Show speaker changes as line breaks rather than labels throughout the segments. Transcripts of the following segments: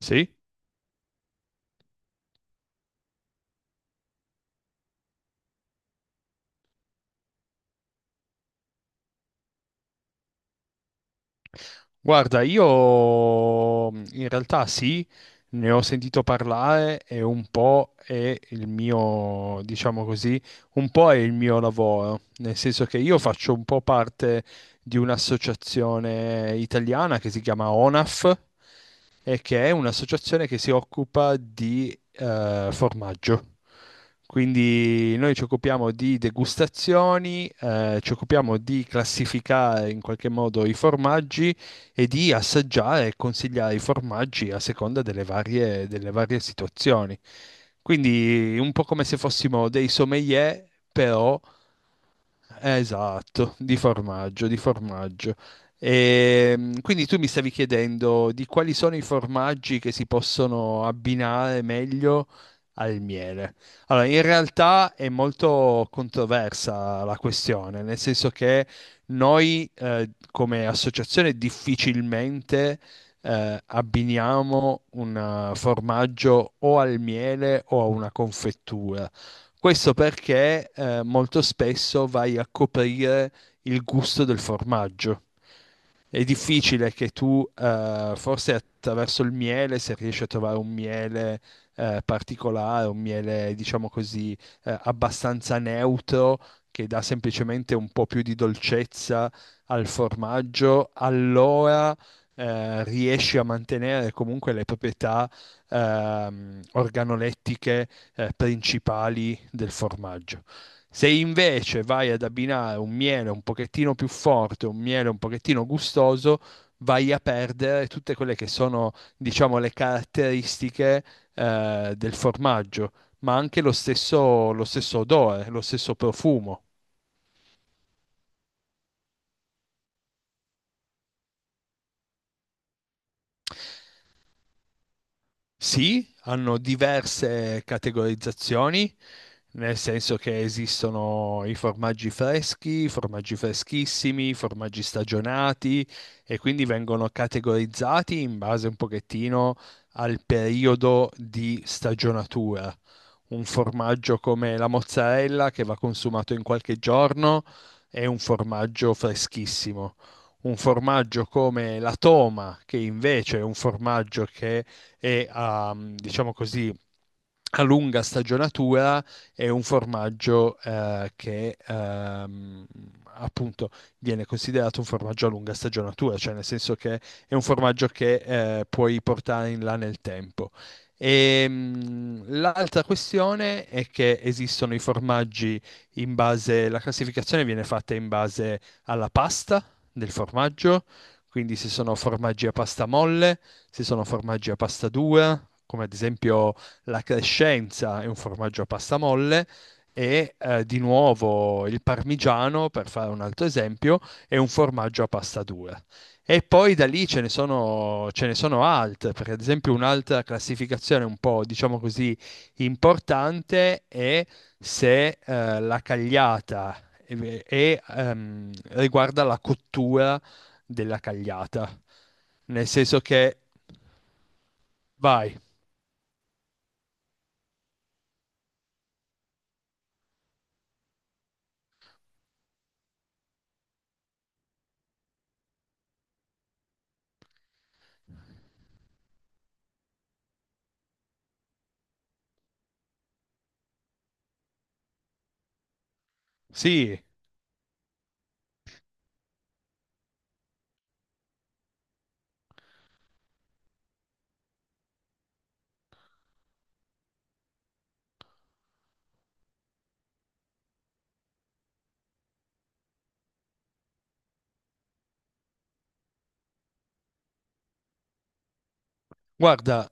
Sì, guarda, io in realtà sì, ne ho sentito parlare e un po' è il mio, diciamo così, un po' è il mio lavoro, nel senso che io faccio un po' parte di un'associazione italiana che si chiama ONAF e che è un'associazione che si occupa di formaggio. Quindi noi ci occupiamo di degustazioni, ci occupiamo di classificare in qualche modo i formaggi e di assaggiare e consigliare i formaggi a seconda delle varie situazioni. Quindi un po' come se fossimo dei sommelier, però. Esatto, di formaggio, di formaggio. Quindi tu mi stavi chiedendo di quali sono i formaggi che si possono abbinare meglio al miele. Allora, in realtà è molto controversa la questione, nel senso che noi come associazione difficilmente abbiniamo un formaggio o al miele o a una confettura. Questo perché molto spesso vai a coprire il gusto del formaggio. È difficile che tu, forse attraverso il miele, se riesci a trovare un miele particolare, un miele, diciamo così, abbastanza neutro, che dà semplicemente un po' più di dolcezza al formaggio, allora riesci a mantenere comunque le proprietà organolettiche principali del formaggio. Se invece vai ad abbinare un miele un pochettino più forte, un miele un pochettino gustoso, vai a perdere tutte quelle che sono, diciamo, le caratteristiche del formaggio, ma anche lo stesso odore, lo stesso profumo. Sì, hanno diverse categorizzazioni, nel senso che esistono i formaggi freschi, i formaggi freschissimi, i formaggi stagionati e quindi vengono categorizzati in base un pochettino al periodo di stagionatura. Un formaggio come la mozzarella che va consumato in qualche giorno è un formaggio freschissimo. Un formaggio come la toma, che invece è un formaggio che è a, diciamo così, a lunga stagionatura, è un formaggio che appunto viene considerato un formaggio a lunga stagionatura, cioè nel senso che è un formaggio che puoi portare in là nel tempo. E l'altra questione è che esistono i formaggi in base, la classificazione viene fatta in base alla pasta del formaggio, quindi se sono formaggi a pasta molle, se sono formaggi a pasta dura, come ad esempio la crescenza è un formaggio a pasta molle e di nuovo il parmigiano, per fare un altro esempio, è un formaggio a pasta dura. E poi da lì ce ne sono altre, perché ad esempio un'altra classificazione un po', diciamo così, importante è se la cagliata riguarda la cottura della cagliata. Nel senso che, Vai. Sì, guarda,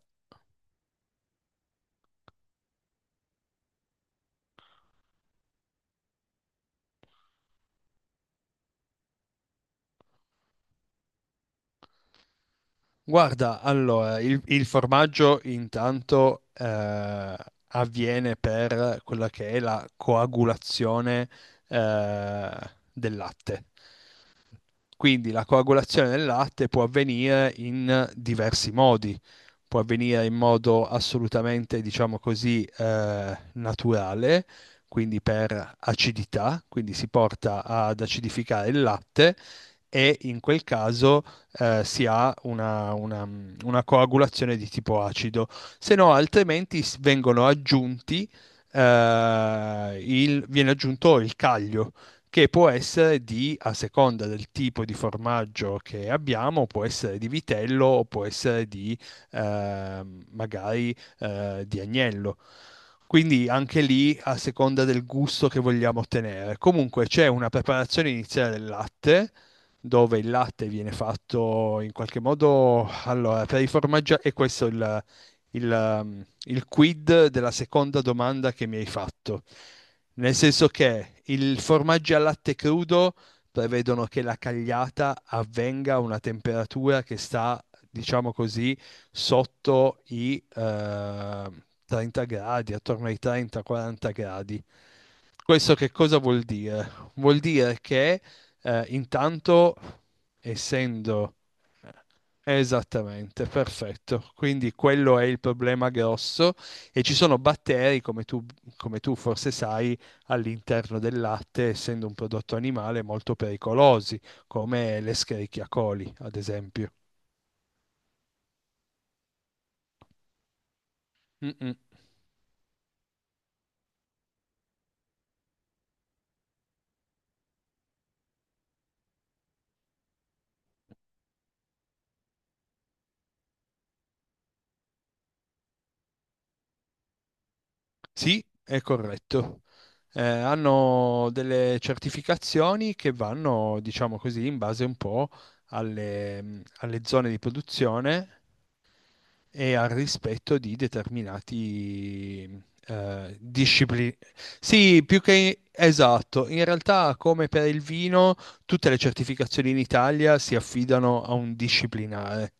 Guarda, allora, il formaggio intanto avviene per quella che è la coagulazione del latte. Quindi la coagulazione del latte può avvenire in diversi modi, può avvenire in modo assolutamente, diciamo così, naturale, quindi per acidità, quindi si porta ad acidificare il latte e in quel caso si ha una coagulazione di tipo acido, se no altrimenti viene aggiunto il caglio che può essere di, a seconda del tipo di formaggio che abbiamo, può essere di vitello o può essere di eh, magari di agnello. Quindi anche lì a seconda del gusto che vogliamo ottenere. Comunque c'è una preparazione iniziale del latte dove il latte viene fatto in qualche modo, allora, per i formaggi e questo è il quid della seconda domanda che mi hai fatto. Nel senso che il formaggio al latte crudo prevedono che la cagliata avvenga a una temperatura che sta, diciamo così, sotto i 30 gradi, attorno ai 30-40 gradi. Questo che cosa vuol dire? Vuol dire che intanto, essendo. Esattamente, perfetto. Quindi quello è il problema grosso e ci sono batteri, come tu forse sai, all'interno del latte, essendo un prodotto animale, molto pericolosi, come l'Escherichia coli, ad esempio. Mm-mm. Sì, è corretto. Hanno delle certificazioni che vanno, diciamo così, in base un po' alle zone di produzione e al rispetto di determinati discipline. Sì, più che esatto, in realtà come per il vino, tutte le certificazioni in Italia si affidano a un disciplinare.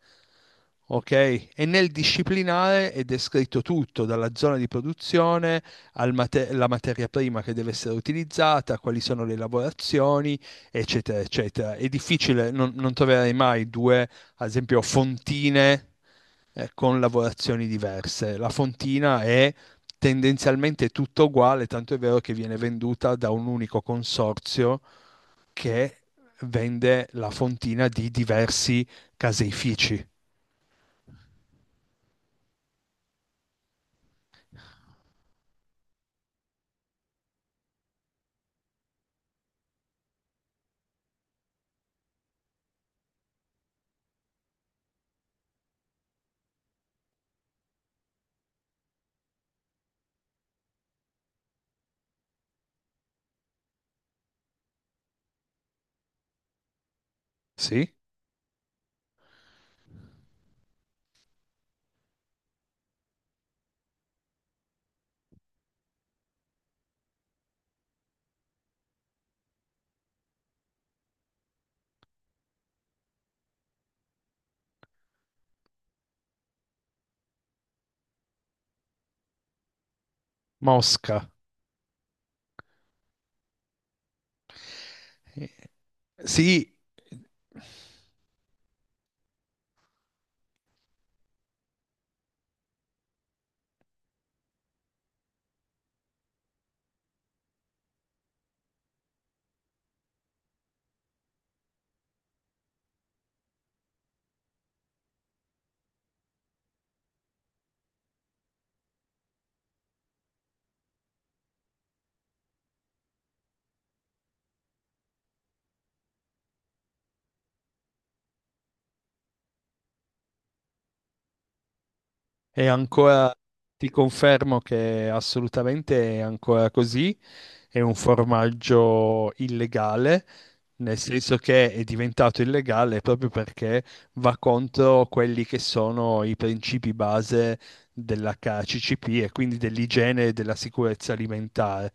Ok? E nel disciplinare è descritto tutto, dalla zona di produzione alla materia prima che deve essere utilizzata, quali sono le lavorazioni, eccetera, eccetera. È difficile, non troverai mai due, ad esempio, fontine con lavorazioni diverse. La fontina è tendenzialmente tutto uguale, tanto è vero che viene venduta da un unico consorzio che vende la fontina di diversi caseifici. Sì? Mosca. Eh, Sì, è ancora, ti confermo che assolutamente è ancora così, è un formaggio illegale. Nel senso che è diventato illegale proprio perché va contro quelli che sono i principi base dell'HACCP e quindi dell'igiene e della sicurezza alimentare.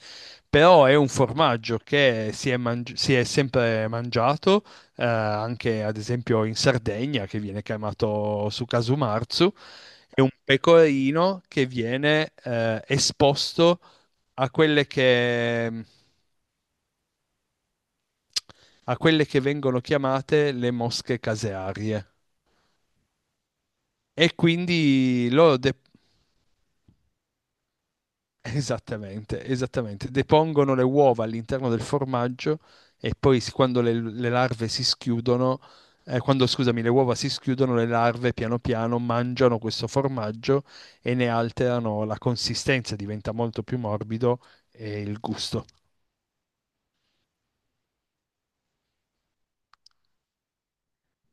Però è un formaggio che si è sempre mangiato, anche ad esempio in Sardegna, che viene chiamato su casumarzu, è un pecorino che viene esposto a quelle che a quelle che vengono chiamate le mosche casearie. E quindi loro de- Esattamente, esattamente, depongono le uova all'interno del formaggio e poi quando le larve si schiudono, quando, scusami, le uova si schiudono, le larve piano piano mangiano questo formaggio e ne alterano la consistenza, diventa molto più morbido e il gusto.